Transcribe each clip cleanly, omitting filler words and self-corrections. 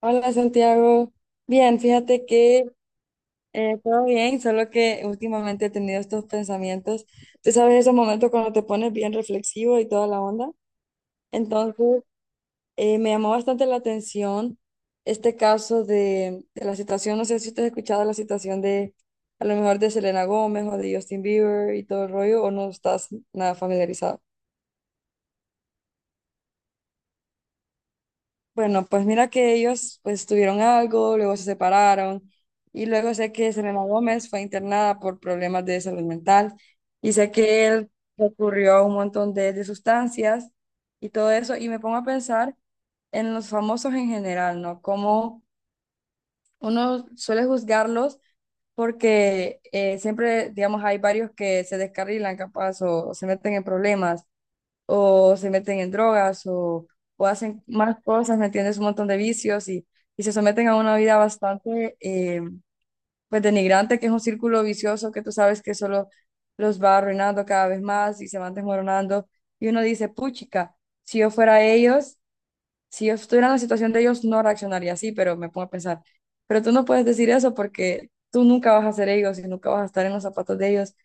Hola Santiago, bien, fíjate que todo bien, solo que últimamente he tenido estos pensamientos, tú sabes esos momentos cuando te pones bien reflexivo y toda la onda, entonces me llamó bastante la atención este caso de la situación, no sé si te has escuchado la situación de a lo mejor de Selena Gómez o de Justin Bieber y todo el rollo, o no estás nada familiarizado. Bueno, pues mira que ellos pues tuvieron algo, luego se separaron y luego sé que Selena Gómez fue internada por problemas de salud mental y sé que él recurrió a un montón de sustancias y todo eso y me pongo a pensar en los famosos en general, ¿no? Como uno suele juzgarlos porque siempre, digamos, hay varios que se descarrilan capaz o se meten en problemas o se meten en drogas o hacen más cosas, ¿me entiendes? Un montón de vicios y se someten a una vida bastante pues denigrante, que es un círculo vicioso que tú sabes que solo los va arruinando cada vez más y se van desmoronando. Y uno dice, puchica, si yo fuera ellos, si yo estuviera en la situación de ellos, no reaccionaría así, pero me pongo a pensar, pero tú no puedes decir eso porque tú nunca vas a ser ellos y nunca vas a estar en los zapatos de ellos.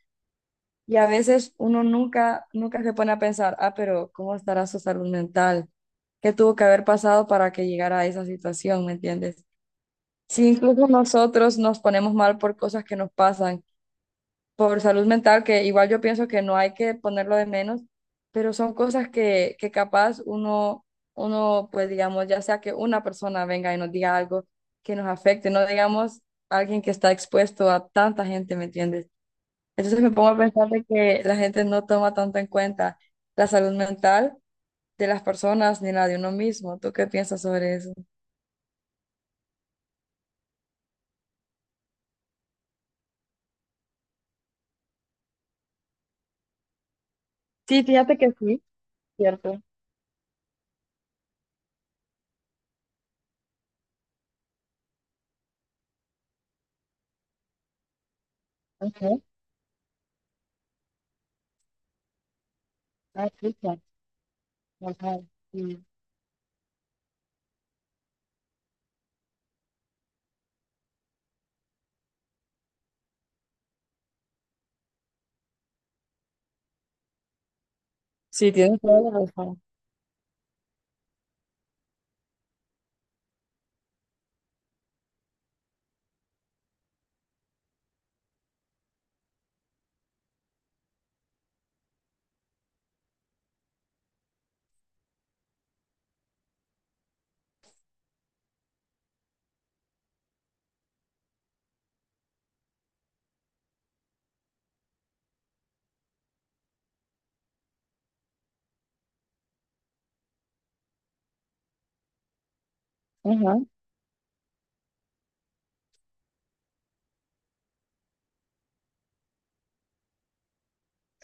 Y a veces uno nunca, nunca se pone a pensar, ah, pero ¿cómo estará su salud mental? ¿Qué tuvo que haber pasado para que llegara a esa situación? ¿Me entiendes? Si incluso nosotros nos ponemos mal por cosas que nos pasan, por salud mental, que igual yo pienso que no hay que ponerlo de menos, pero son cosas que capaz uno, pues digamos, ya sea que una persona venga y nos diga algo que nos afecte, no digamos alguien que está expuesto a tanta gente, ¿me entiendes? Entonces me pongo a pensar de que la gente no toma tanto en cuenta la salud mental de las personas ni la de uno mismo. ¿Tú qué piensas sobre eso? Sí, fíjate que sí, cierto. Ajá. Ah, escucha. Ajá. Sí. Sí, tienes toda la razón. Ajá.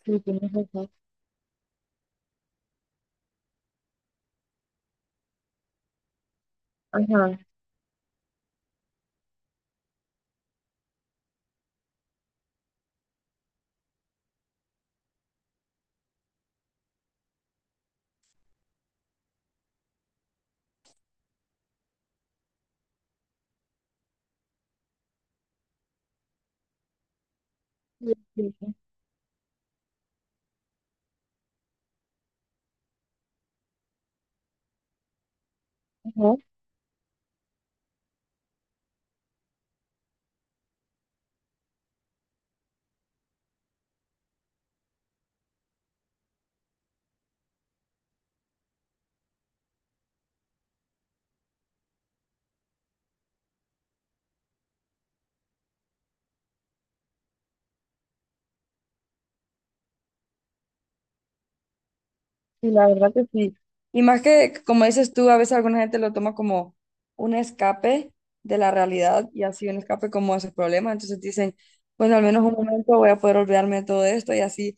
Sí, tienes razón. Ajá. Sí, sí, sí. Ajá. Sí, la verdad que sí. Y más que, como dices tú, a veces alguna gente lo toma como un escape de la realidad y así un escape como a sus problemas. Entonces dicen, bueno, al menos un momento voy a poder olvidarme de todo esto y así.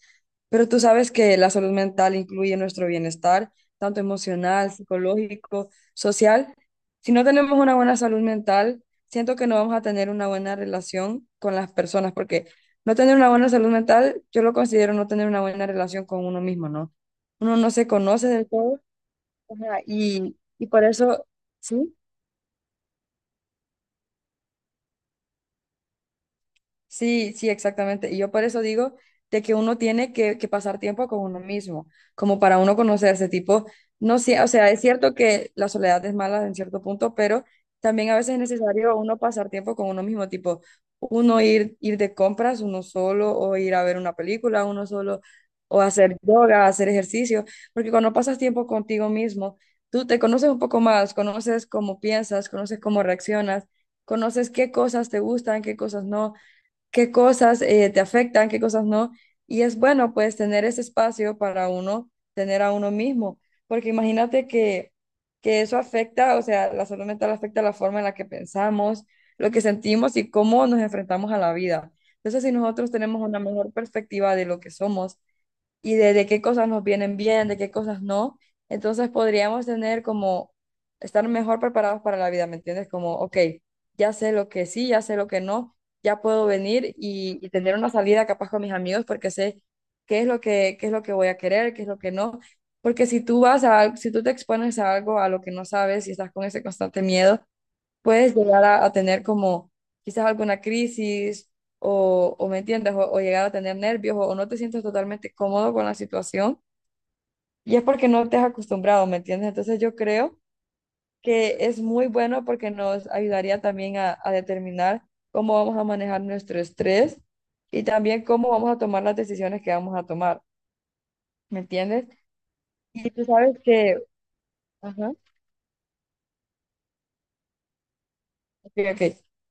Pero tú sabes que la salud mental incluye nuestro bienestar, tanto emocional, psicológico, social. Si no tenemos una buena salud mental, siento que no vamos a tener una buena relación con las personas, porque no tener una buena salud mental, yo lo considero no tener una buena relación con uno mismo, ¿no? Uno no se conoce del todo, ajá, y por eso, sí. Sí, sí, exactamente. Y yo por eso digo de que uno tiene que pasar tiempo con uno mismo, como para uno conocerse, tipo, no sé, o sea, es cierto que la soledad es mala en cierto punto, pero también a veces es necesario uno pasar tiempo con uno mismo, tipo, uno ir de compras uno solo, o ir a ver una película uno solo, o hacer yoga, hacer ejercicio, porque cuando pasas tiempo contigo mismo, tú te conoces un poco más, conoces cómo piensas, conoces cómo reaccionas, conoces qué cosas te gustan, qué cosas no, qué cosas te afectan, qué cosas no. Y es bueno, pues, tener ese espacio para uno, tener a uno mismo, porque imagínate que eso afecta, o sea, la salud mental afecta la forma en la que pensamos, lo que sentimos y cómo nos enfrentamos a la vida. Entonces, si nosotros tenemos una mejor perspectiva de lo que somos, y de qué cosas nos vienen bien, de qué cosas no. Entonces podríamos tener como estar mejor preparados para la vida, ¿me entiendes? Como, ok, ya sé lo que sí, ya sé lo que no, ya puedo venir y tener una salida capaz con mis amigos porque sé qué es lo que, qué es lo que voy a querer, qué es lo que no. Porque si tú vas a, al- si tú te expones a algo a lo que no sabes y estás con ese constante miedo, puedes llegar a tener como quizás alguna crisis o me entiendes, o llegar a tener nervios o no te sientes totalmente cómodo con la situación y es porque no te has acostumbrado, ¿me entiendes? Entonces yo creo que es muy bueno porque nos ayudaría también a determinar cómo vamos a manejar nuestro estrés y también cómo vamos a tomar las decisiones que vamos a tomar, ¿me entiendes? Y tú sabes que... Ajá. Ok, ok.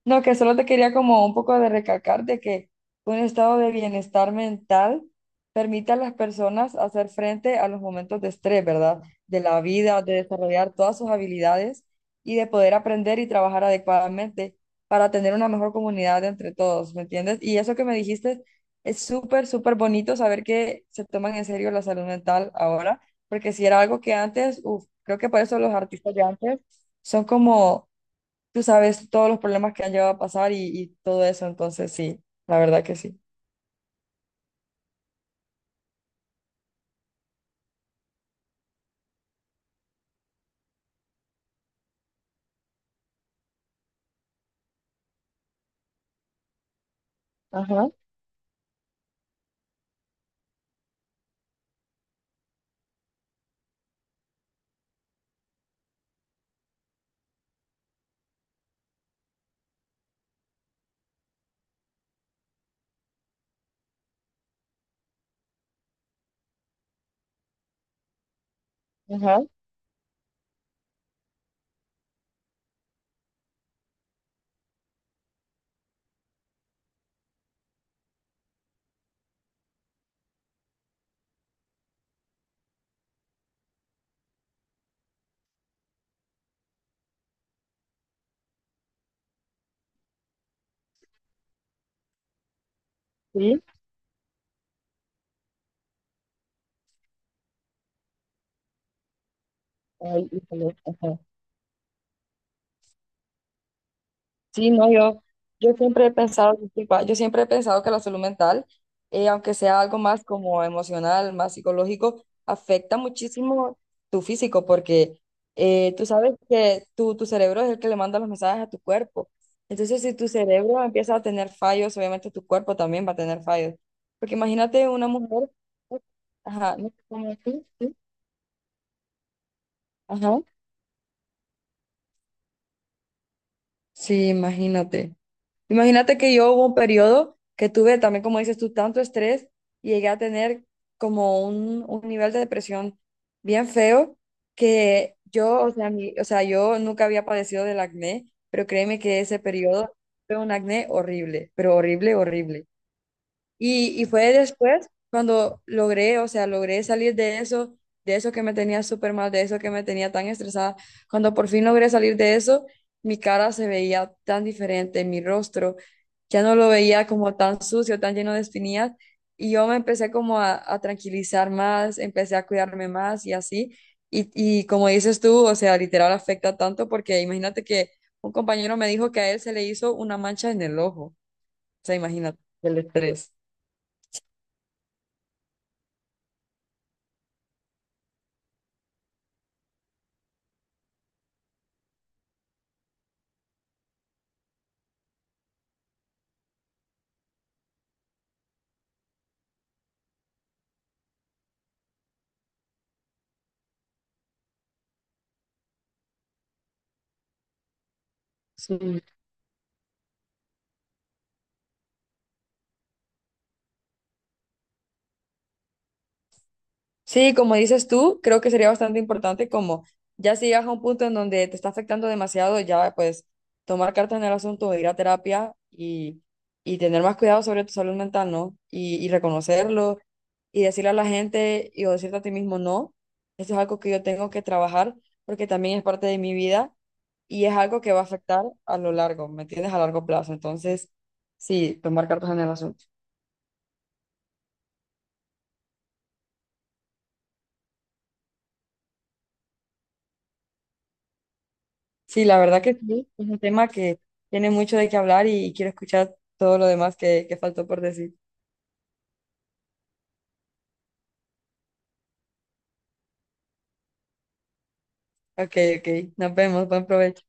No, que solo te quería como un poco de recalcar de que un estado de bienestar mental permite a las personas hacer frente a los momentos de estrés, ¿verdad? De la vida, de desarrollar todas sus habilidades y de poder aprender y trabajar adecuadamente para tener una mejor comunidad entre todos, ¿me entiendes? Y eso que me dijiste es súper, súper bonito saber que se toman en serio la salud mental ahora, porque si era algo que antes, uf, creo que por eso los artistas de antes son como tú sabes todos los problemas que han llegado a pasar y todo eso, entonces sí, la verdad que sí. Ajá, ajá, sí. Ay, híjole, ajá. Sí, no, yo siempre he pensado, disculpa, yo siempre he pensado que la salud mental, aunque sea algo más como emocional, más psicológico, afecta muchísimo tu físico, porque tú sabes que tu cerebro es el que le manda los mensajes a tu cuerpo. Entonces, si tu cerebro empieza a tener fallos, obviamente tu cuerpo también va a tener fallos. Porque imagínate una mujer, ajá, no, como tú, ajá, sí, imagínate. Imagínate que yo hubo un periodo que tuve también, como dices tú, tanto estrés y llegué a tener como un nivel de depresión bien feo que yo, o sea, mi- o sea, yo nunca había padecido del acné, pero créeme que ese periodo fue un acné horrible, pero horrible, horrible. Y fue después cuando logré, o sea, logré salir de eso que me tenía súper mal, de eso que me tenía tan estresada. Cuando por fin logré salir de eso, mi cara se veía tan diferente, mi rostro ya no lo veía como tan sucio, tan lleno de espinillas. Y yo me empecé como a tranquilizar más, empecé a cuidarme más y así. Y como dices tú, o sea, literal afecta tanto porque imagínate que un compañero me dijo que a él se le hizo una mancha en el ojo. O sea, imagínate el estrés. Sí. Sí, como dices tú, creo que sería bastante importante como ya si llegas a un punto en donde te está afectando demasiado, ya pues tomar cartas en el asunto, ir a terapia y tener más cuidado sobre tu salud mental, ¿no? Y reconocerlo y decirle a la gente y o decirte a ti mismo, no, esto es algo que yo tengo que trabajar porque también es parte de mi vida y es algo que va a afectar a lo largo, ¿me entiendes? A largo plazo. Entonces, sí, tomar cartas en el asunto. Sí, la verdad que sí, es un tema que tiene mucho de qué hablar y quiero escuchar todo lo demás que faltó por decir. Ok, ok, nos vemos, buen provecho.